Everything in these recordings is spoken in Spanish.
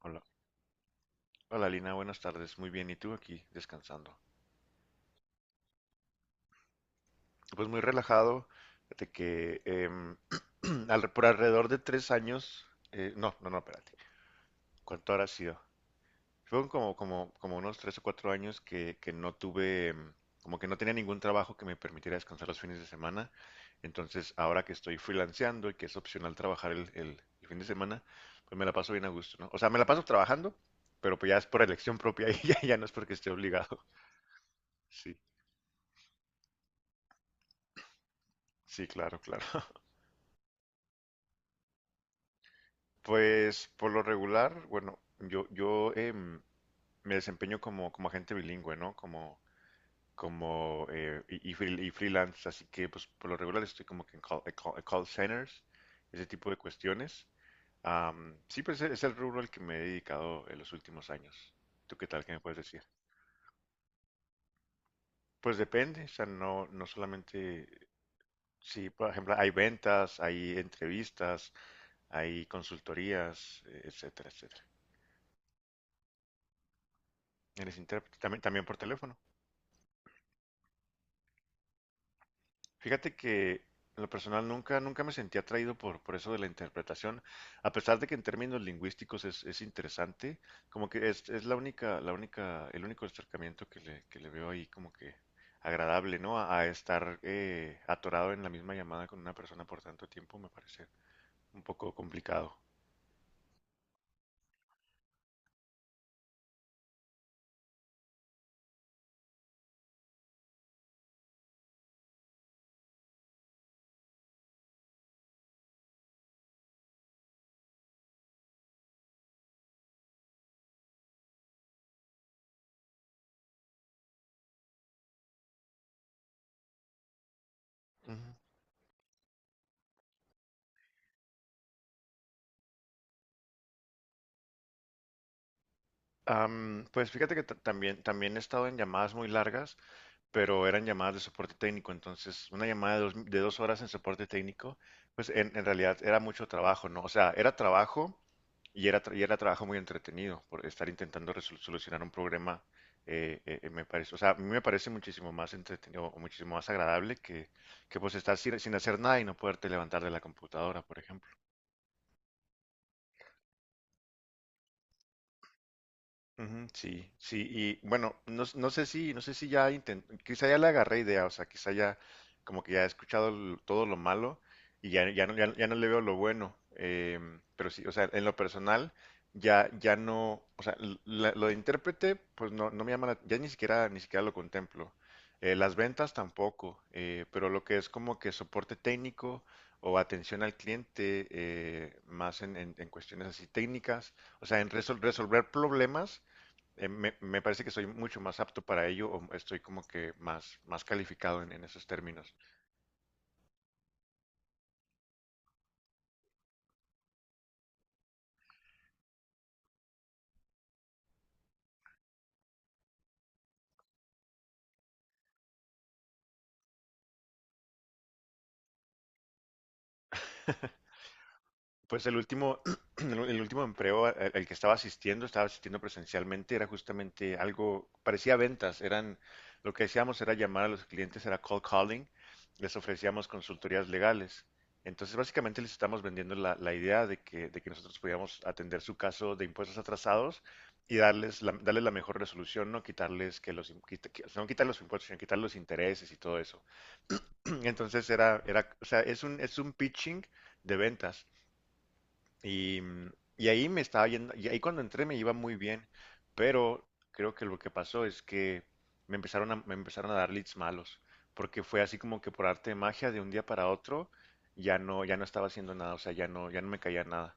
Hola. Hola Lina, buenas tardes. Muy bien, ¿y tú aquí descansando? Pues muy relajado, de que por alrededor de 3 años. No, no, no, espérate, ¿cuánto habrá sido? Fueron como, como, como unos 3 o 4 años que no tuve, como que no tenía ningún trabajo que me permitiera descansar los fines de semana. Entonces, ahora que estoy freelanceando y que es opcional trabajar el fin de semana, pues me la paso bien a gusto, ¿no? O sea, me la paso trabajando, pero pues ya es por elección propia y ya no es porque esté obligado. Sí. Sí, claro, claro. Pues por lo regular, bueno, yo me desempeño como agente bilingüe, ¿no? Como freelance, así que pues por lo regular estoy como que en call centers, ese tipo de cuestiones. Sí, pues es el rubro al que me he dedicado en los últimos años. ¿Tú qué tal? ¿Qué me puedes decir? Pues depende, o sea, no solamente, sí, por ejemplo, hay ventas, hay entrevistas, hay consultorías, etcétera, etcétera. Eres intérprete, también, también por teléfono. Fíjate que en lo personal nunca, nunca me sentí atraído por eso de la interpretación, a pesar de que en términos lingüísticos es interesante, como que es la única, el único acercamiento que le veo ahí como que agradable, ¿no? A estar atorado en la misma llamada con una persona por tanto tiempo me parece un poco complicado. Ujú. Pues fíjate que también, también he estado en llamadas muy largas, pero eran llamadas de soporte técnico, entonces una llamada de dos, de 2 horas en soporte técnico, pues en realidad era mucho trabajo, ¿no? O sea, era trabajo y y era trabajo muy entretenido por estar intentando solucionar un problema, me parece, o sea, a mí me parece muchísimo más entretenido o muchísimo más agradable que pues estar sin hacer nada y no poderte levantar de la computadora, por ejemplo. Ujú, sí, sí, y bueno, no, no sé si ya intenté, quizá ya le agarré idea, o sea, quizá ya como que ya he escuchado todo lo malo y ya no le veo lo bueno, pero sí, o sea, en lo personal ya no, o sea, lo de intérprete, pues no me llama, ya ni siquiera, ni siquiera lo contemplo. Las ventas tampoco, pero lo que es como que soporte técnico o atención al cliente, más en cuestiones así técnicas, o sea, en resolver problemas, me parece que soy mucho más apto para ello o estoy como que más, más calificado en esos términos. Pues el último empleo al que estaba asistiendo presencialmente, era justamente algo, parecía ventas, lo que hacíamos era llamar a los clientes, era cold calling, les ofrecíamos consultorías legales. Entonces, básicamente les estamos vendiendo la idea de que nosotros podíamos atender su caso de impuestos atrasados y darles la mejor resolución, no quitarles que no quitar los impuestos, sino quitar los intereses y todo eso. Entonces, o sea, es un pitching de ventas. Y, mm, y ahí me estaba yendo, y ahí cuando entré me iba muy bien, pero creo que lo que pasó es que me empezaron a dar leads malos, porque fue así como que por arte de magia de un día para otro ya no, ya no estaba haciendo nada, o sea, ya no me caía nada.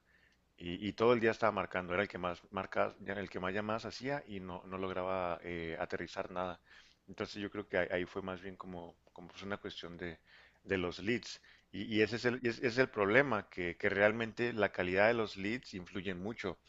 Y todo el día estaba marcando, era el que más marcas, ya el que más llamadas hacía y no lograba aterrizar nada. Entonces, yo creo que ahí fue más bien como pues una cuestión de los leads. Y ese es el problema, que realmente la calidad de los leads influyen mucho.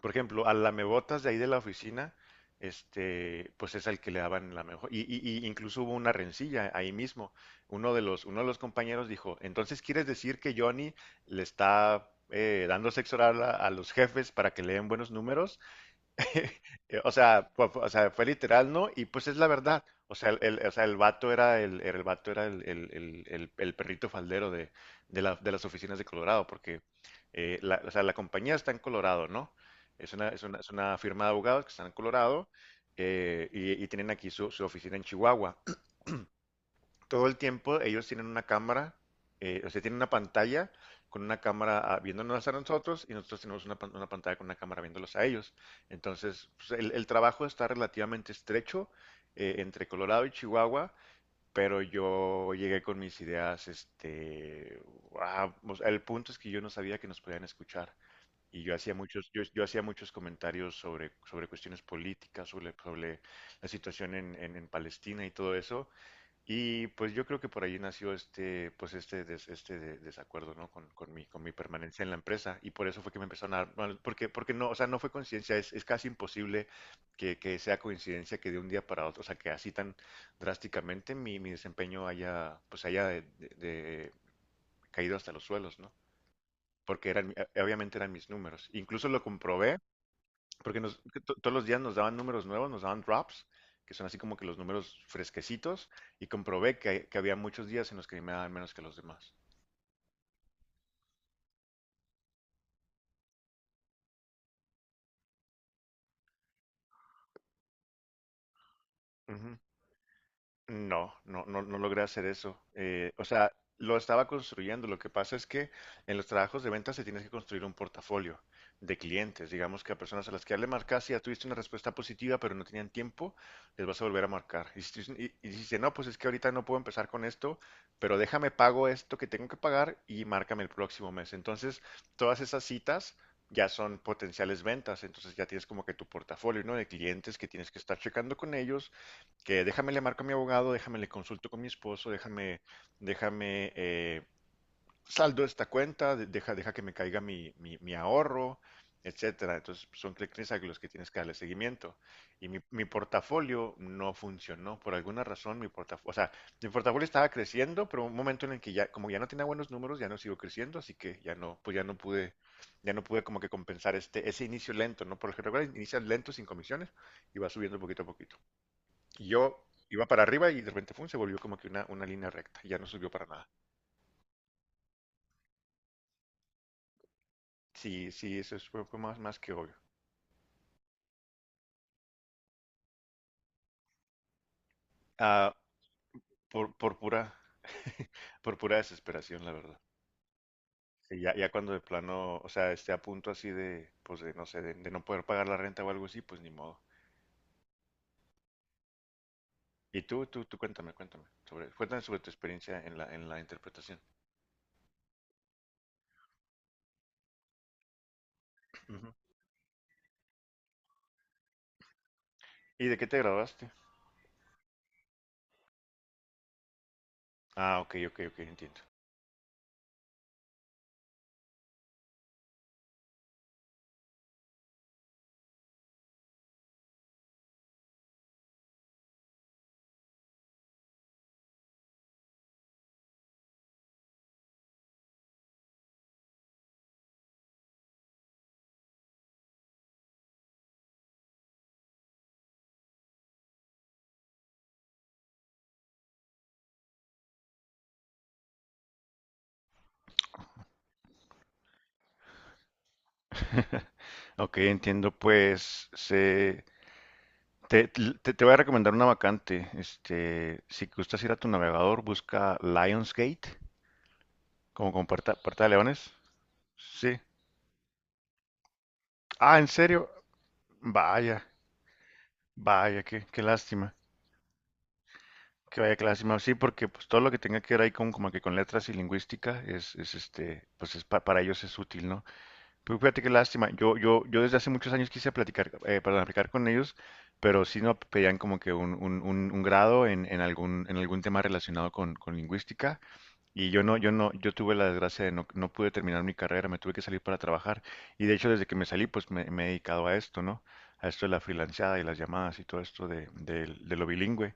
Por ejemplo, al lamebotas de ahí de la oficina, pues es al que le daban la mejor. Y incluso hubo una rencilla ahí mismo. Uno de los compañeros dijo, entonces quieres decir que Johnny le está dando sexo oral a los jefes para que le den buenos números. O sea, o sea, fue literal, ¿no? Y pues es la verdad. O sea, o sea, el vato era el perrito faldero de las oficinas de Colorado, porque o sea, la compañía está en Colorado, ¿no? Es una firma de abogados que está en Colorado, y tienen aquí su oficina en Chihuahua. Todo el tiempo ellos tienen una cámara, o sea, tienen una pantalla con una cámara viéndonos a nosotros y nosotros tenemos una pantalla con una cámara viéndolos a ellos. Entonces, pues, el trabajo está relativamente estrecho entre Colorado y Chihuahua, pero yo llegué con mis ideas, o sea, el punto es que yo no sabía que nos podían escuchar. Y yo hacía muchos comentarios sobre cuestiones políticas, sobre la situación en Palestina y todo eso. Y pues yo creo que por ahí nació este desacuerdo, ¿no? Con mi permanencia en la empresa. Y por eso fue que me empezaron a dar, porque no, o sea, no fue coincidencia, es casi imposible que sea coincidencia que de un día para otro, o sea, que así tan drásticamente mi desempeño haya, pues haya caído hasta los suelos, ¿no? Porque eran, obviamente eran mis números. Incluso lo comprobé porque todos los días nos daban números nuevos, nos daban drops, que son así como que los números fresquecitos, y comprobé que había muchos días en los que me daban menos que los demás. Ujú. No, no, no, no logré hacer eso. O sea, lo estaba construyendo. Lo que pasa es que en los trabajos de ventas se tienes que construir un portafolio de clientes. Digamos que a personas a las que ya le marcas y ya tuviste una respuesta positiva, pero no tenían tiempo, les vas a volver a marcar. Y si, tú- y dices, no, pues es que ahorita no puedo empezar con esto, pero déjame pago esto que tengo que pagar y márcame el próximo mes. Entonces, todas esas citas ya son potenciales ventas. Entonces, ya tienes como que tu portafolio, ¿no? De clientes que tienes que estar checando con ellos, que déjame le marco a mi abogado, déjame le consulto con mi esposo, déjame saldo esta cuenta, deja que me caiga mi ahorro, etcétera. Entonces, son clientes a los que tienes que darle seguimiento. Y mi portafolio no funcionó. Por alguna razón, mi portafolio, o sea, mi portafolio estaba creciendo, pero un momento en el que ya, como ya no tenía buenos números, ya no siguió creciendo, así que ya no, pues ya no pude como que compensar ese inicio lento, ¿no? Por lo general, inicias lento sin comisiones y va subiendo poquito a poquito. Y yo iba para arriba y de repente fue, se volvió como que una línea recta, ya no subió para nada. Sí, sí, eso fue más, más que obvio. Ah, por, por pura, por pura desesperación, la verdad. Sí, ya cuando de plano, o sea, esté a punto así de, pues de, no sé, de no poder pagar la renta o algo así, pues ni modo. Y tú cuéntame, cuéntame sobre tu experiencia en la interpretación. Ujú. ¿Y de qué te graduaste? Ah, ok, ok, ok, entiendo. Ok, entiendo, pues te voy a recomendar una vacante. Si gustas ir a tu navegador, busca Lionsgate, como con puerta, puerta de leones. Sí. Ah, ¿en serio? Vaya, vaya, qué lástima. Que vaya, qué lástima. Sí, porque pues todo lo que tenga que ver ahí como que con letras y lingüística es pues es para ellos es útil, ¿no? Pero fíjate qué lástima. Yo desde hace muchos años quise platicar, perdón, aplicar con ellos, pero sí no pedían como que un grado en algún tema relacionado con lingüística. Y yo no, yo no, yo tuve la desgracia de no pude terminar mi carrera, me tuve que salir para trabajar. Y de hecho, desde que me salí, pues me he dedicado a esto, ¿no? A esto de la freelanceada y las llamadas y todo esto de lo bilingüe.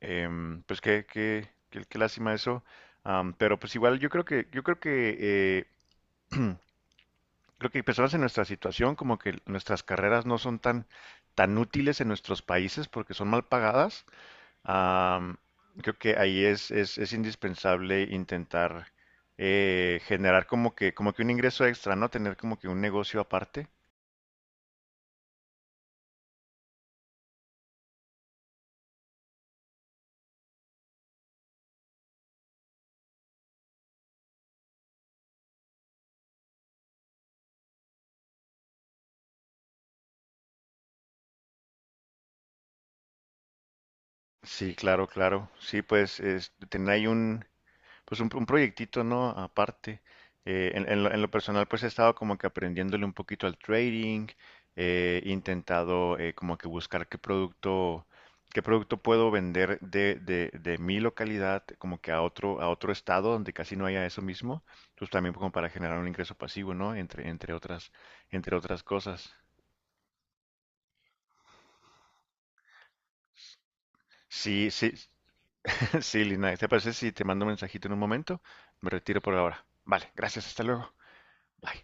Pues qué lástima eso. Pero pues igual creo que personas en nuestra situación, como que nuestras carreras no son tan, tan útiles en nuestros países porque son mal pagadas. Am, Creo que ahí es indispensable intentar generar como que un ingreso extra, ¿no? Tener como que un negocio aparte. Sí, claro, claro. Sí, pues tener ahí un, pues un proyectito, ¿no? Aparte, en lo personal, pues he estado como que aprendiéndole un poquito al trading, he intentado como que buscar qué producto puedo vender de mi localidad como que a otro estado donde casi no haya eso mismo, pues también como para generar un ingreso pasivo, ¿no? Entre otras cosas. Sí, sí, sí, Lina, ¿te parece si te mando un mensajito en un momento? Me retiro por ahora. Vale, gracias, hasta luego. Bye.